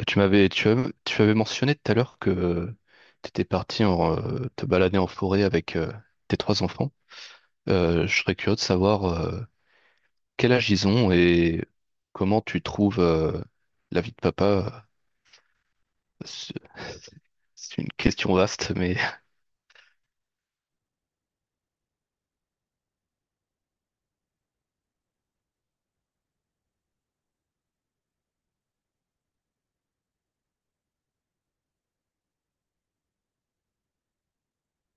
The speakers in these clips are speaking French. Tu m'avais tu avais mentionné tout à l'heure que tu étais parti en, te balader en forêt avec tes trois enfants. Je serais curieux de savoir quel âge ils ont et comment tu trouves la vie de papa. C'est c'est une question vaste, mais...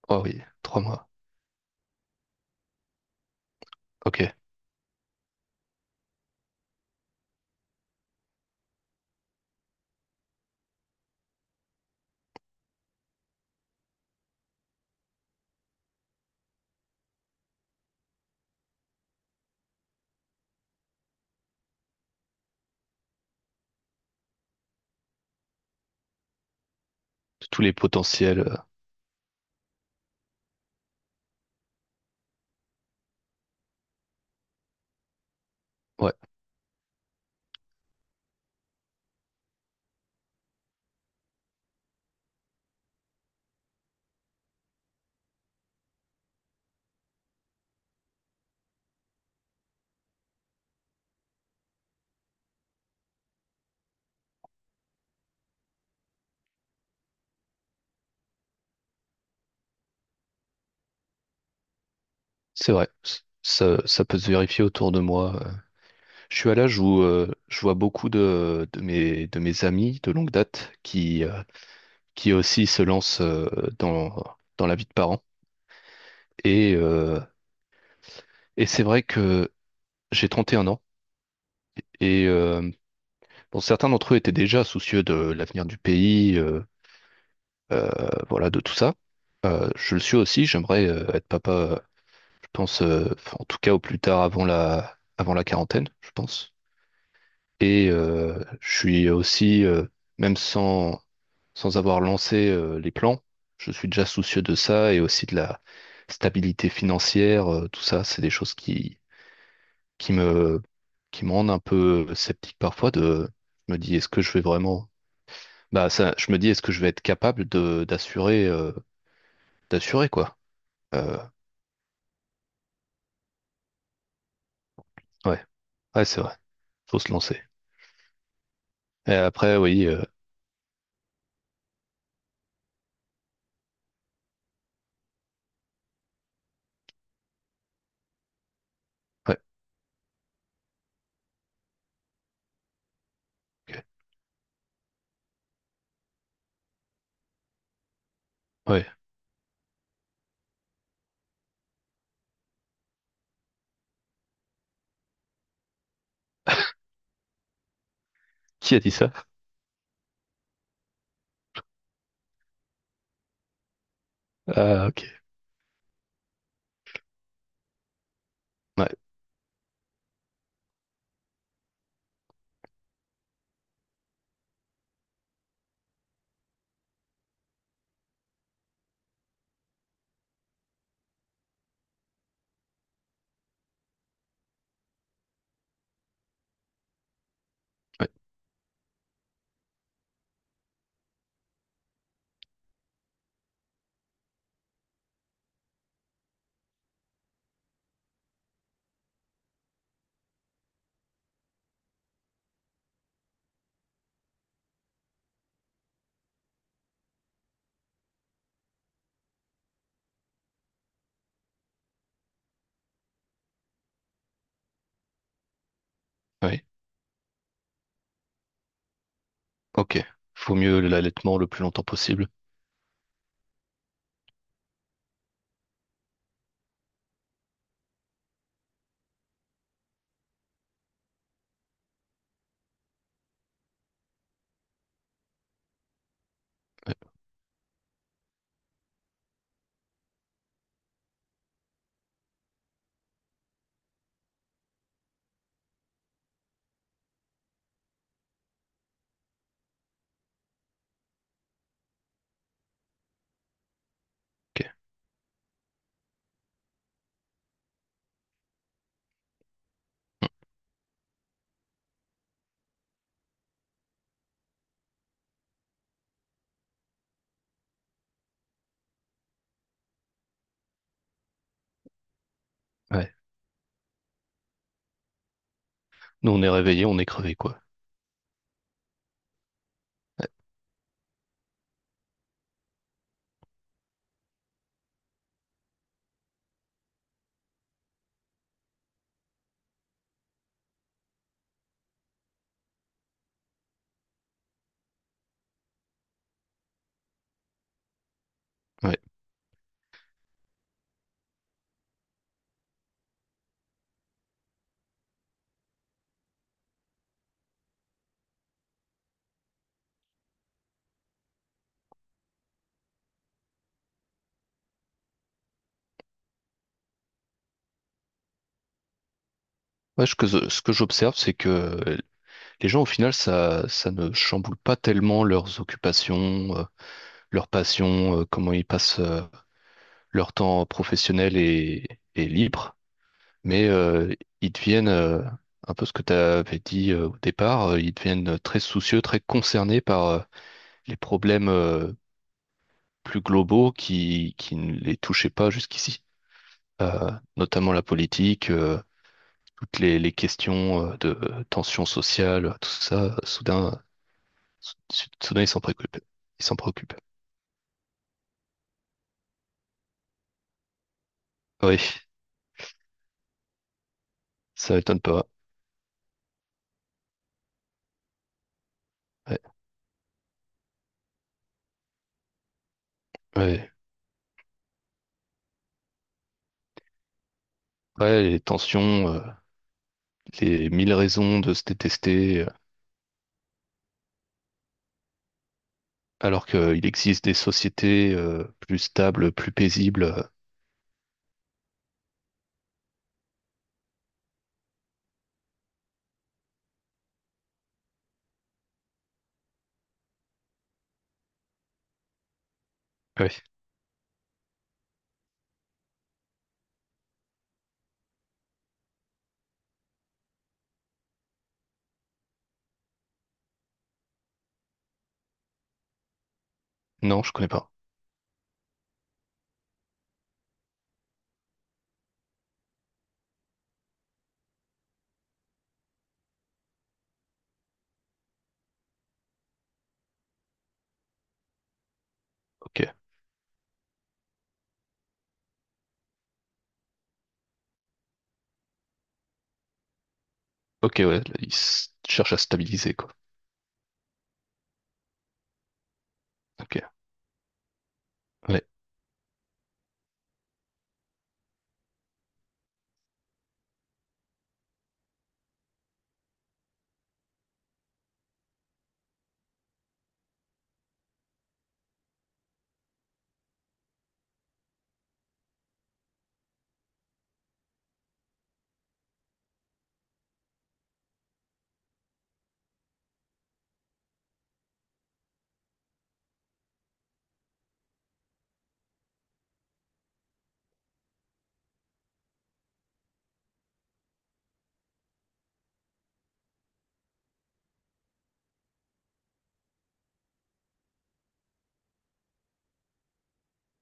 Oh oui, trois mois. Ok. Tous les potentiels. Ouais, c'est vrai. Ça, ça peut se vérifier autour de moi. Je suis à l'âge où je vois beaucoup de mes amis de longue date qui aussi se lance dans, dans la vie de parent. Et, euh, et c'est vrai que j'ai 31 ans et bon, certains d'entre eux étaient déjà soucieux de l'avenir du pays, euh, voilà, de tout ça. Je le suis aussi, j'aimerais être papa, je pense, en tout cas au plus tard avant avant la quarantaine, je pense. Et je suis aussi, même sans, sans avoir lancé les plans, je suis déjà soucieux de ça et aussi de la stabilité financière, tout ça, c'est des choses qui me, qui me rendent un peu sceptique parfois de, je me dis, est-ce que je vais vraiment, bah ça, je me dis, est-ce que je vais être capable de, d'assurer, d'assurer quoi. Euh, ouais, ouais, c'est vrai, faut se lancer. Et après, oui, ouais, ok, ouais. Qui a dit ça? Ah, ok, ouais, ouais, ouais. Ok. Faut mieux l'allaitement le plus longtemps possible. Ouais, ok. Ouais. Nous, on est réveillés, on est crevés, quoi. Ouais. Ouais, ce que j'observe, c'est que les gens, au final, ça ne chamboule pas tellement leurs occupations, leurs passions, comment ils passent leur temps professionnel et libre. Mais ils deviennent, un peu ce que tu avais dit au départ, ils deviennent très soucieux, très concernés par les problèmes plus globaux qui ne les touchaient pas jusqu'ici. Euh, notamment la politique, toutes les questions de tension sociale, tout ça, soudain, sou- soudain ils s'en préoccupent. Ils s'en préoccupent. Ah oui, ça m'étonne pas. Ouais, ouais. Ouais, les tensions, les mille raisons de se détester, alors qu'il existe des sociétés plus stables, plus paisibles. Ouais. Non, je connais pas. Ok. Ok, ouais, là, cherchent à stabiliser, quoi. Ok. Ouais,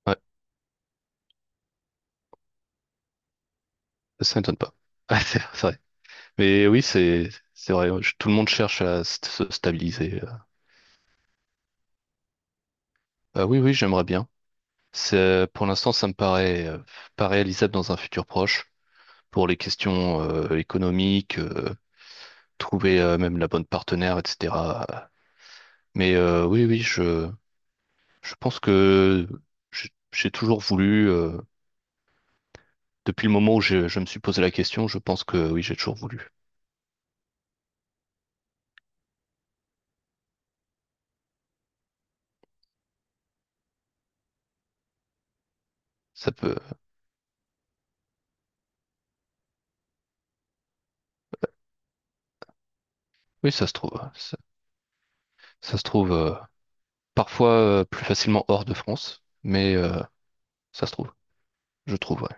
ouais, ça m'étonne pas. Ah, c'est vrai. Mais oui, c'est vrai. Tout le monde cherche à se stabiliser. Oui, oui, j'aimerais bien. C'est pour l'instant, ça me paraît pas réalisable dans un futur proche pour les questions économiques, trouver même la bonne partenaire, etc. Mais oui, oui, je pense que j'ai toujours voulu. Depuis le moment où je me suis posé la question, je pense que oui, j'ai toujours voulu. Ça peut, oui, ça se trouve. Ça se trouve parfois plus facilement hors de France, mais ça se trouve, je trouve, ouais.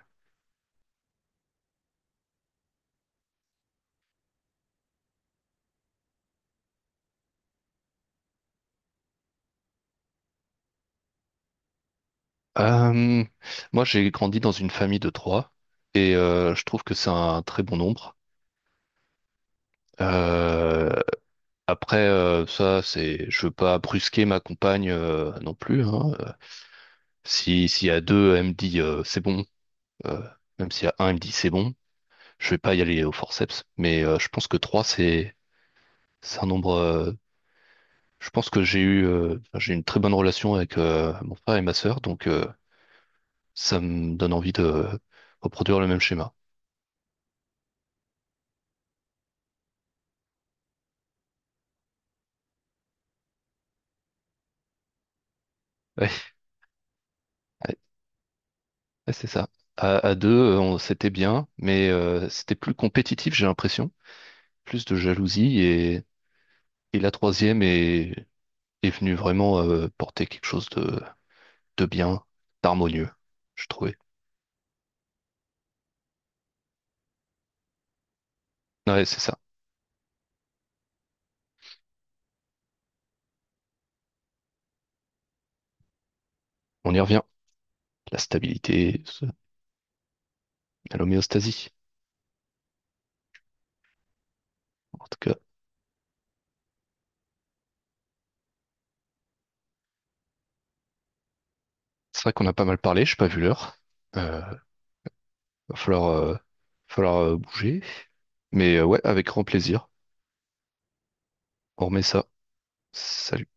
Euh, Moi, j'ai grandi dans une famille de trois et je trouve que c'est un très bon nombre. Euh, après, ça, c'est, je veux pas brusquer ma compagne non plus. Hein. Si S'il y a deux, elle me dit c'est bon. Euh, même s'il y a un, elle me dit c'est bon. Je vais pas y aller au forceps, mais je pense que trois, c'est un nombre. Je pense que j'ai eu enfin, j'ai une très bonne relation avec mon frère et ma sœur, donc ça me donne envie de reproduire le même schéma. Ouais. Ouais, c'est ça. À deux, c'était bien, mais c'était plus compétitif, j'ai l'impression. Plus de jalousie et la troisième est, est venue vraiment porter quelque chose de bien, d'harmonieux, je trouvais. Ouais, c'est ça. On y revient. La stabilité, à l'homéostasie. En tout cas, c'est vrai qu'on a pas mal parlé, j'ai pas vu l'heure. Euh, va falloir bouger. Mais ouais, avec grand plaisir. On remet ça. Salut.